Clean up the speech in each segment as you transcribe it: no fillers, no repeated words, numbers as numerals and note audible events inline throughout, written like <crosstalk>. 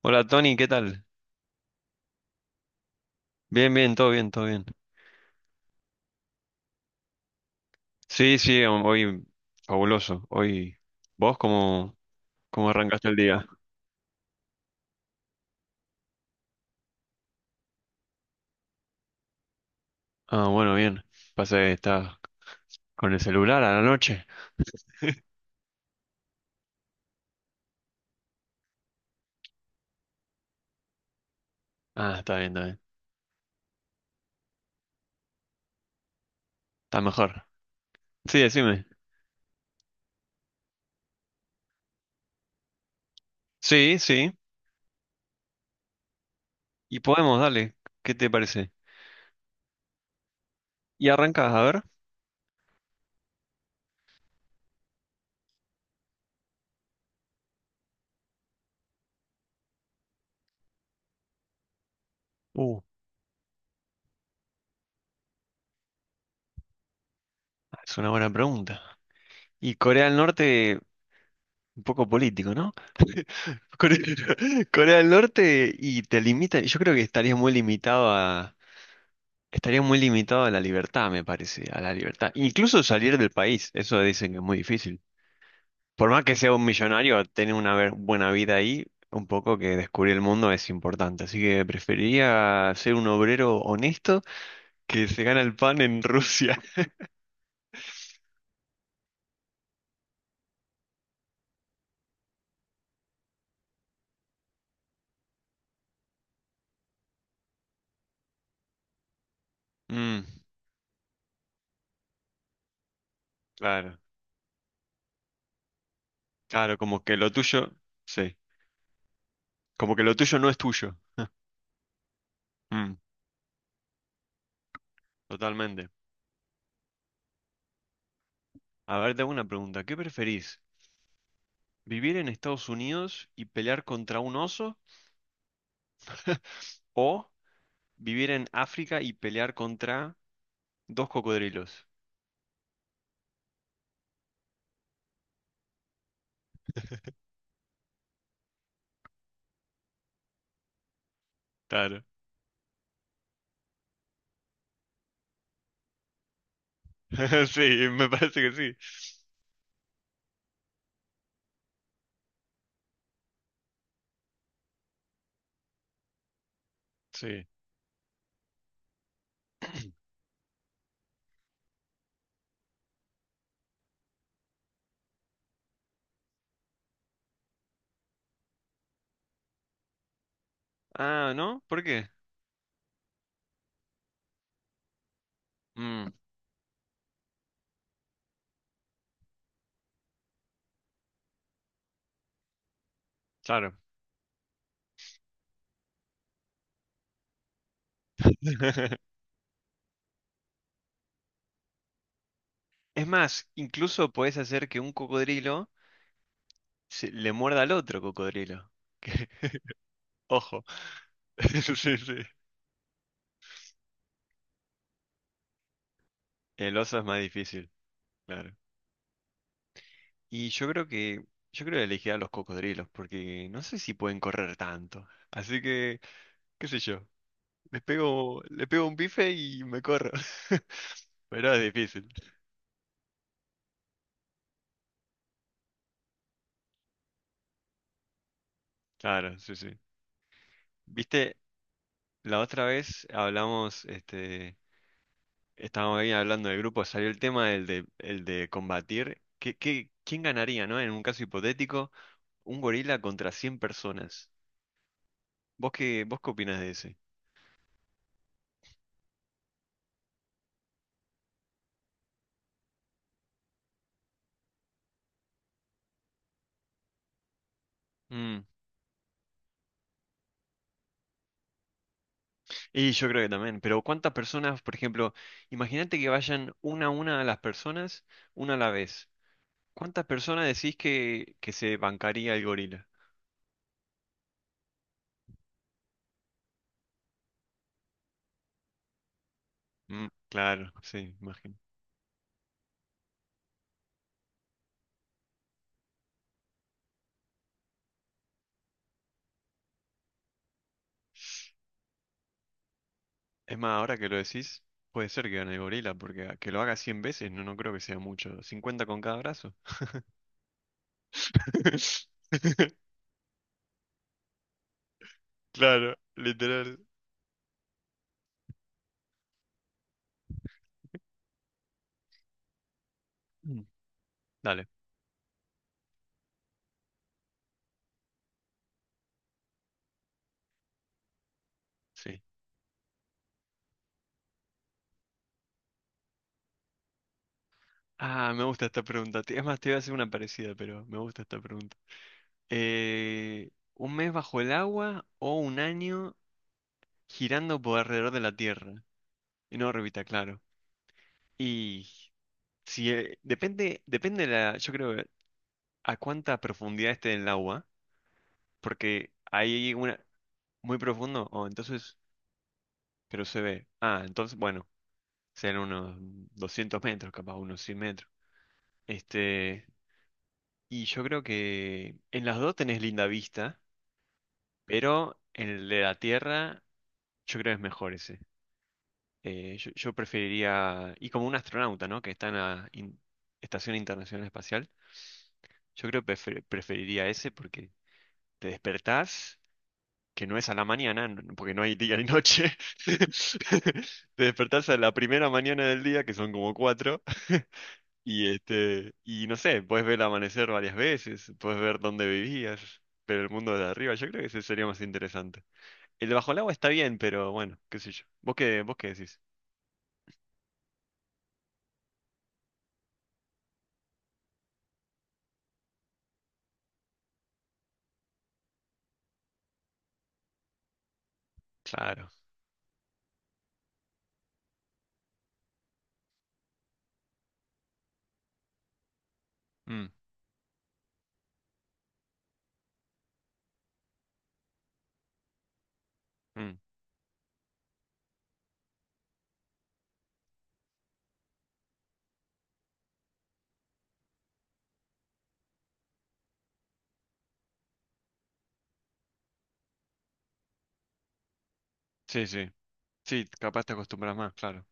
Hola Tony, ¿qué tal? Bien, bien, todo bien, todo bien. Sí, sí, hoy fabuloso. Hoy, ¿vos cómo arrancaste el día? Ah, bueno, bien. Pasa que estás con el celular a la noche. Ah, está bien, está bien. Está mejor. Sí, decime. Sí, sí. Y podemos, dale. ¿Qué te parece? Y arrancás, a ver. Uh, es una buena pregunta. Y Corea del Norte, un poco político, ¿no? <laughs> Core- Corea del Norte y te limita. Yo creo que Estaría muy limitado a la libertad, me parece, a la libertad. Incluso salir del país, eso dicen que es muy difícil. Por más que sea un millonario, tener una buena vida ahí, un poco que descubrir el mundo es importante. Así que preferiría ser un obrero honesto que se gana el pan en Rusia. <laughs> Mm, claro, claro, como que lo tuyo, sí, como que lo tuyo no es tuyo. Mm, totalmente. A ver, te hago una pregunta. ¿Qué preferís? ¿Vivir en Estados Unidos y pelear contra un oso? ¿O vivir en África y pelear contra dos cocodrilos? Claro. <laughs> Sí, me parece que sí. Sí. Ah, ¿no? ¿Por qué? Mm, claro. <laughs> Es más, incluso podés hacer que un cocodrilo le muerda al otro cocodrilo. <laughs> Ojo. <laughs> Sí, sí, el oso es más difícil. Claro. Y yo creo que elegiré a los cocodrilos porque no sé si pueden correr tanto. Así que, qué sé yo. Le pego un bife y me corro. <laughs> Pero es difícil. Claro, sí, sí. Viste, la otra vez hablamos, este, estábamos ahí hablando del grupo, salió el tema el de combatir. ¿Quién ganaría, no? En un caso hipotético, un gorila contra 100 personas. ¿Vos qué opinás de ese? Mm, Y yo creo que también. Pero ¿cuántas personas, por ejemplo, imagínate que vayan una a las personas, una a la vez. ¿Cuántas personas decís que se bancaría el gorila? Mm, claro, sí, imagino. Es más, ahora que lo decís, puede ser que gane el gorila, porque que lo haga 100 veces no creo que sea mucho. 50 con cada brazo. <laughs> Claro, literal. Mm. Dale, sí. Ah, me gusta esta pregunta. Es más, te iba a hacer una parecida, pero me gusta esta pregunta. ¿Un mes bajo el agua o un año girando por alrededor de la Tierra? En órbita, claro. Y si depende la, yo creo, que a cuánta profundidad esté en el agua. Porque hay una muy profundo, o entonces, pero se ve. Ah, entonces, bueno, serán unos 200 metros, capaz unos 100 metros. Este, y yo creo que en las dos tenés linda vista, pero en el de la Tierra yo creo que es mejor ese. Yo preferiría, y como un astronauta, ¿no? Que está en la Estación Internacional Espacial, yo creo que preferiría ese porque te despertás que no es a la mañana, porque no hay día ni noche. <laughs> Te despertás a la primera mañana del día, que son como cuatro. <laughs> Y este, y no sé, puedes ver el amanecer varias veces, puedes ver dónde vivías, pero el mundo de arriba, yo creo que ese sería más interesante. El de bajo el agua está bien, pero bueno, qué sé yo. ¿Vos qué decís? Claro. Mm, mm. Sí, sí. Sí, capaz te acostumbras más, claro.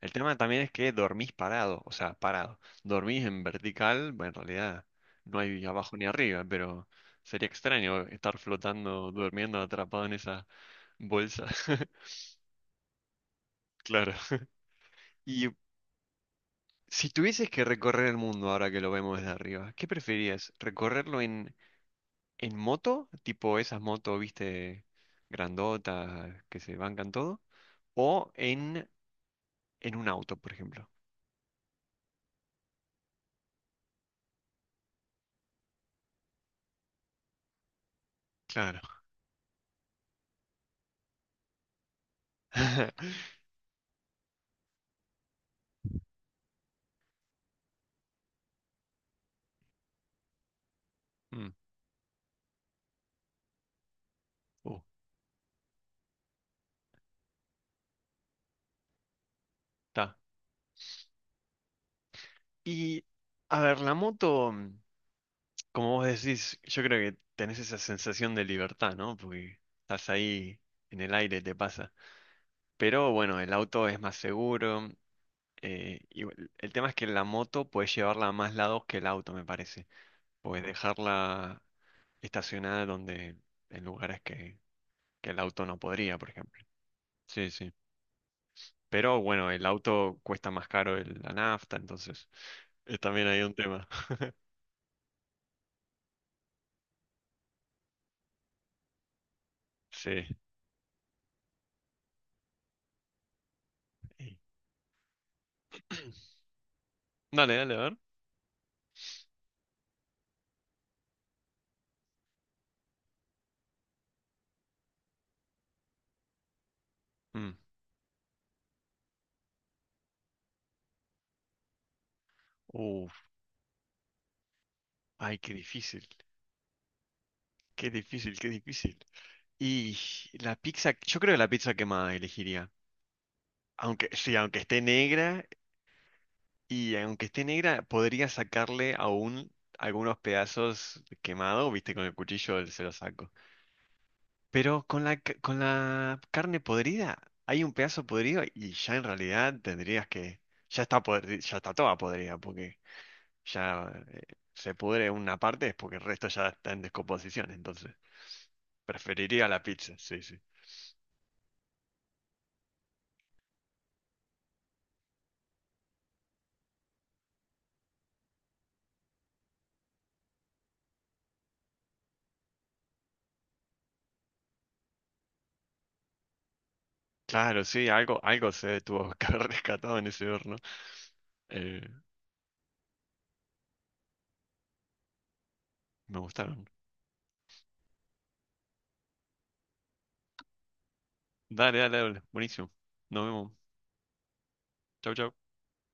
El tema también es que dormís parado, o sea, parado. Dormís en vertical, bueno, en realidad no hay abajo ni arriba, pero sería extraño estar flotando, durmiendo, atrapado en esa bolsa. <laughs> Claro. <laughs> Y si tuvieses que recorrer el mundo ahora que lo vemos desde arriba, ¿qué preferirías? ¿Recorrerlo en, moto? Tipo esas motos, viste, grandotas, que se bancan todo. ¿O en, un auto, por ejemplo? Claro. <laughs> <laughs> Uh, Está. Y, a ver, la moto, como vos decís, yo creo que tenés esa sensación de libertad, ¿no? Porque estás ahí en el aire, te pasa. Pero bueno, el auto es más seguro. Y el tema es que la moto puedes llevarla a más lados que el auto, me parece. Puedes dejarla estacionada donde, en lugares que el auto no podría, por ejemplo. Sí, sí. Pero bueno, el auto cuesta más caro la nafta, entonces también hay un tema. <laughs> Sí. <clears throat> Dale, dale, a ver. Mm. Uf, ay, qué difícil. Qué difícil, qué difícil. Y la pizza, yo creo que la pizza quemada elegiría. Aunque, sí, aunque esté negra, y aunque esté negra, podría sacarle aún algunos pedazos quemados, viste, con el cuchillo se los saco. Pero con la carne podrida, hay un pedazo podrido y ya en realidad tendrías que, ya está toda podrida, porque ya se pudre una parte es porque el resto ya está en descomposición, entonces preferiría la pizza, sí, sí. Claro, sí, algo se tuvo que haber <laughs> rescatado en ese horno. Eh, Me gustaron. Dale, dale, dale. Buenísimo. Nos vemos. Chau, chau.